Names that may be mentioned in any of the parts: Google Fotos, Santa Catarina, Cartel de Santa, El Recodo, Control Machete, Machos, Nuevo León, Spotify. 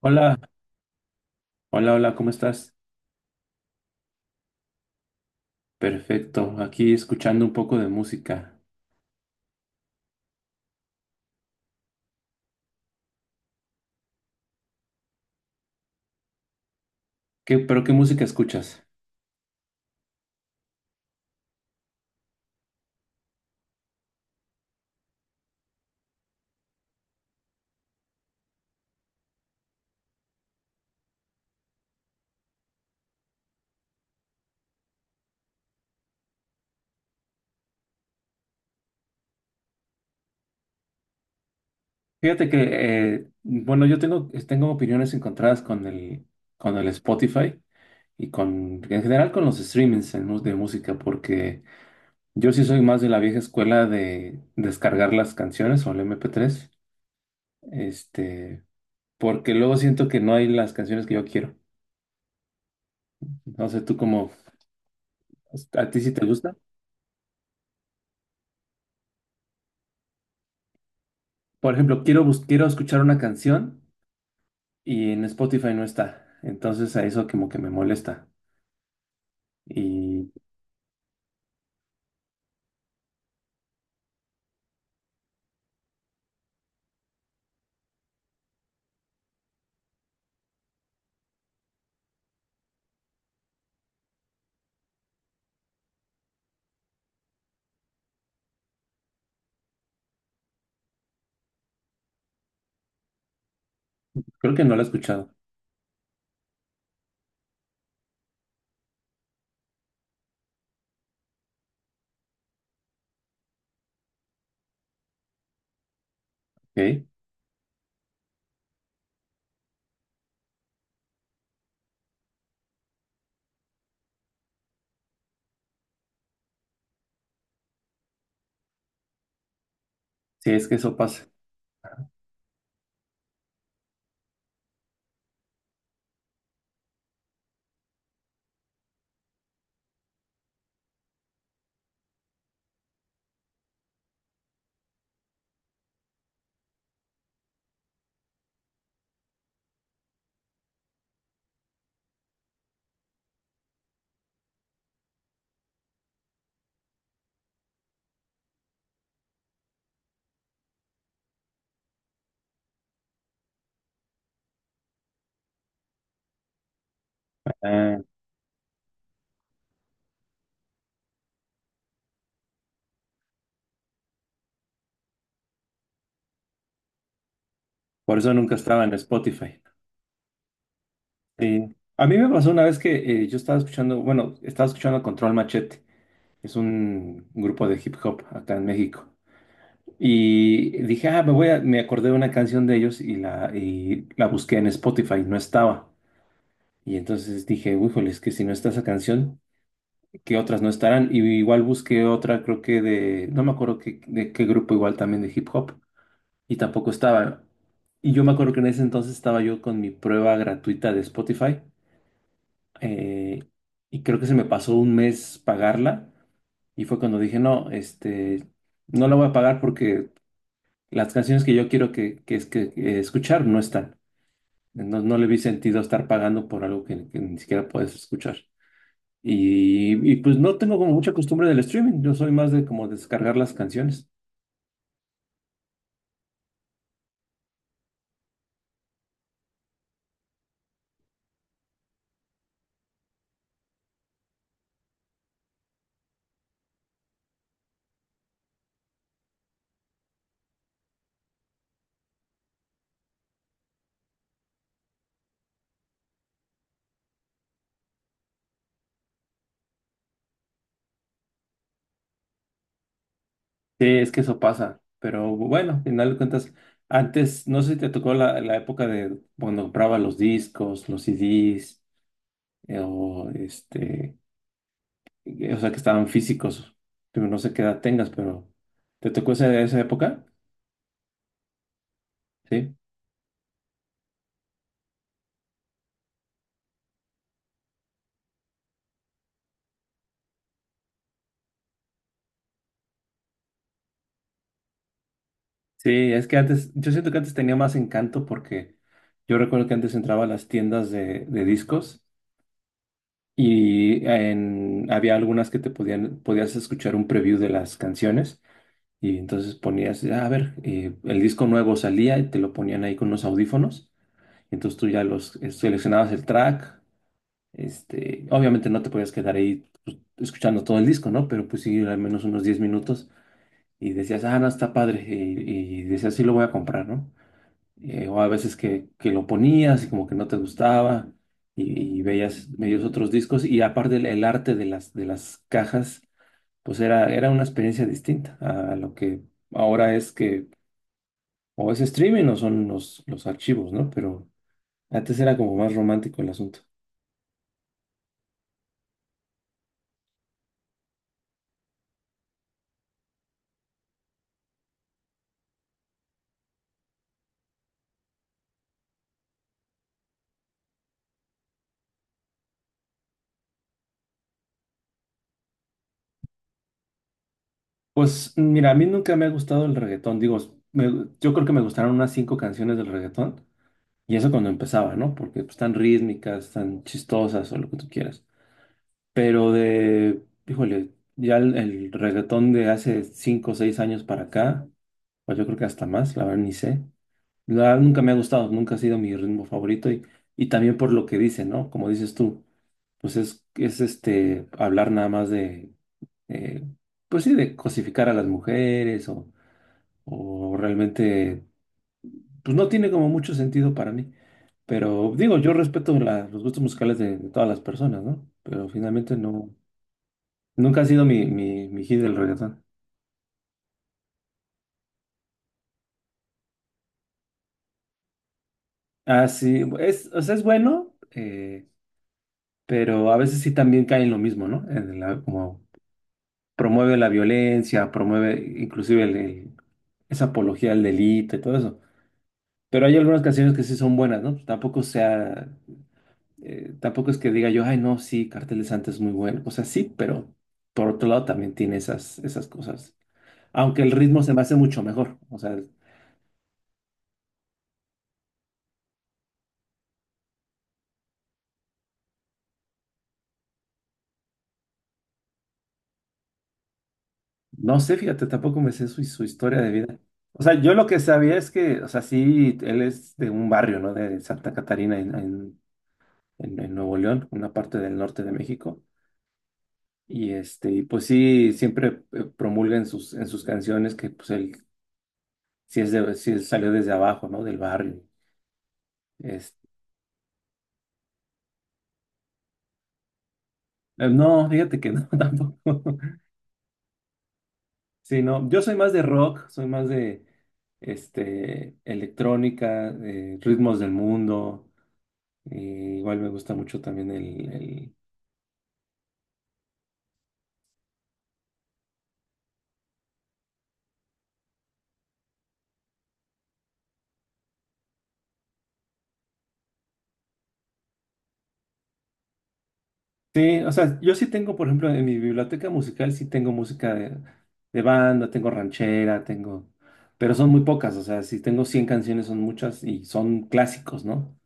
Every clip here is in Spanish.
Hola, hola, ¿cómo estás? Perfecto, aquí escuchando un poco de música. ¿Qué, pero qué música escuchas? Fíjate que, bueno, yo tengo, tengo opiniones encontradas con el Spotify y con, en general con los streamings en de música, porque yo sí soy más de la vieja escuela de descargar las canciones o el MP3, este, porque luego siento que no hay las canciones que yo quiero. No sé, ¿a ti sí te gusta? Por ejemplo, quiero escuchar una canción. Y en Spotify no está. Entonces a eso como que me molesta. Y creo que no lo he escuchado. ¿Ok? Sí, es que eso pasa. Ah, por eso nunca estaba en Spotify. Sí. A mí me pasó una vez que yo estaba escuchando, bueno, estaba escuchando Control Machete. Es un grupo de hip hop acá en México. Y dije, ah, me acordé de una canción de ellos y la busqué en Spotify, no estaba. Y entonces dije, híjole, es que si no está esa canción, que otras no estarán. Y igual busqué otra, creo que de, no me acuerdo que, de qué grupo, igual también de hip hop, y tampoco estaba. Y yo me acuerdo que en ese entonces estaba yo con mi prueba gratuita de Spotify, eh, y creo que se me pasó un mes pagarla, y fue cuando dije, no, no la voy a pagar porque las canciones que yo quiero es que escuchar no están. No, no le vi sentido estar pagando por algo que ni siquiera puedes escuchar. Pues no tengo como mucha costumbre del streaming, yo soy más de como descargar las canciones. Sí, es que eso pasa, pero bueno, al final de cuentas, antes, no sé si te tocó la época de cuando compraba los discos, los CDs, eh, o este, o sea, que estaban físicos, pero no sé qué edad tengas, pero ¿te tocó esa, esa época? Sí. Sí, es que antes, yo siento que antes tenía más encanto porque yo recuerdo que antes entraba a las tiendas de discos. Había algunas que podías escuchar un preview de las canciones y entonces ponías, "Ah, a ver, el disco nuevo" salía y te lo ponían ahí con unos audífonos. Entonces tú ya los seleccionabas el track. Obviamente no te podías quedar ahí pues, escuchando todo el disco, ¿no? Pero pues sí, al menos unos 10 minutos y decías, ah, no, está padre. Y decías, sí, lo voy a comprar, ¿no? O a veces que lo ponías y como que no te gustaba y veías medios otros discos y aparte el arte de las cajas, pues era una experiencia distinta a lo que ahora es que o es streaming o son los archivos, ¿no? Pero antes era como más romántico el asunto. Pues mira, a mí nunca me ha gustado el reggaetón, digo, yo creo que me gustaron unas 5 canciones del reggaetón. Y eso cuando empezaba, ¿no? Porque pues, están rítmicas, tan chistosas o lo que tú quieras. Pero de, híjole, ya el reggaetón de hace 5 o 6 años para acá, pues yo creo que hasta más, la verdad ni sé. La verdad nunca me ha gustado, nunca ha sido mi ritmo favorito y también por lo que dice, ¿no? Como dices tú, pues es este, hablar nada más de, eh, pues sí, de cosificar a las mujeres o realmente, pues no tiene como mucho sentido para mí. Pero digo, yo respeto los gustos musicales de todas las personas, ¿no? Pero finalmente no. Nunca ha sido mi hit del reggaetón. Ah, sí, es, o sea, es bueno, pero a veces sí también cae en lo mismo, ¿no? Como promueve la violencia, promueve inclusive esa apología al delito y todo eso. Pero hay algunas canciones que sí son buenas, ¿no? Pues tampoco sea, tampoco es que diga yo, ay, no, sí, Cartel de Santa es muy bueno. O sea, sí, pero por otro lado también tiene esas, esas cosas. Aunque el ritmo se me hace mucho mejor. O sea, no sé, fíjate, tampoco me sé su, su historia de vida. O sea, yo lo que sabía es que, o sea, sí, él es de un barrio, ¿no? De Santa Catarina, en Nuevo León, una parte del norte de México. Y este, y pues sí, siempre promulga en sus canciones que pues él sí es de, sí salió desde abajo, ¿no? Del barrio. Es- no, fíjate que no, tampoco. Sí, no, yo soy más de rock, soy más de electrónica, ritmos del mundo. Igual me gusta mucho también sí, o sea, yo sí tengo, por ejemplo, en mi biblioteca musical sí tengo música de banda, tengo ranchera, tengo... Pero son muy pocas, o sea, si tengo 100 canciones son muchas y son clásicos, ¿no?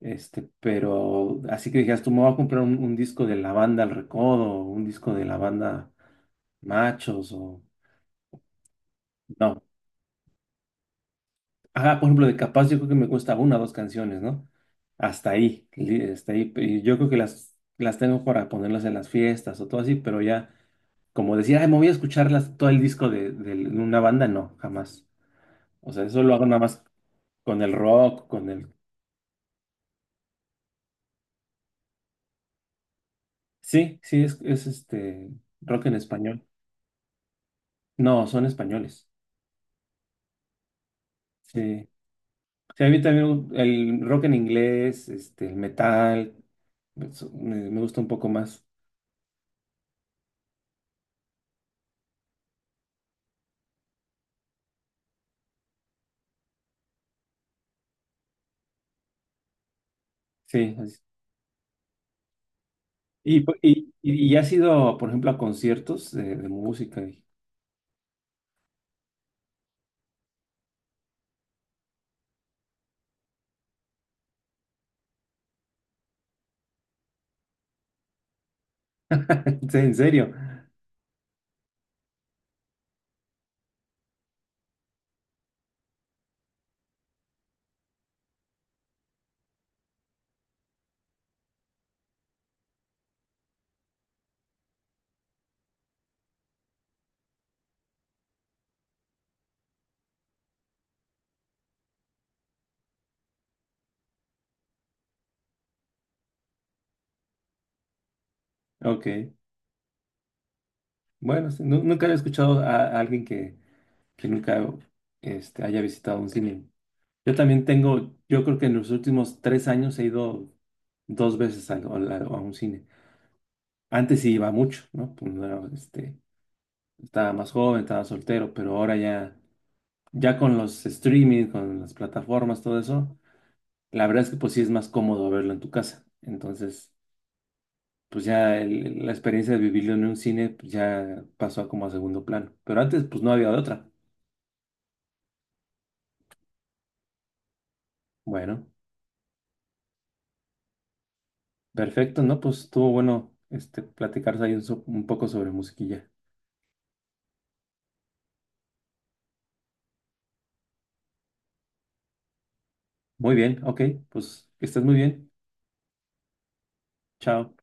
Este, pero así que dijeras, tú me voy a comprar un disco de la banda El Recodo, o un disco de la banda Machos, o... No, ajá, por ejemplo, de Capaz yo creo que me cuesta una o dos canciones, ¿no? Hasta ahí, hasta ahí. Y yo creo que las tengo para ponerlas en las fiestas o todo así, pero ya, como decir, ay, me voy a escucharlas todo el disco de una banda, no, jamás. O sea, eso lo hago nada más con el rock, con el... Sí, sí, es este rock en español. No, son españoles. Sí. Sí, a mí también el rock en inglés, el metal, eso me gusta un poco más. Sí, y has ido, por ejemplo, a conciertos de música. Y sí, en serio. Ok. Bueno, sí, nunca he escuchado a alguien que nunca haya visitado un cine. Yo también tengo, yo creo que en los últimos 3 años he ido dos veces a, a un cine. Antes sí iba mucho, ¿no? Pues no era, estaba más joven, estaba soltero, pero ahora ya, ya con los streaming, con las plataformas, todo eso, la verdad es que pues sí es más cómodo verlo en tu casa. Entonces... pues ya la experiencia de vivirlo en un cine pues ya pasó a como a segundo plano. Pero antes, pues no había de otra. Bueno, perfecto, ¿no? Pues estuvo bueno este, platicarse ahí un, un poco sobre musiquilla. Muy bien, ok, pues que estés muy bien. Chao.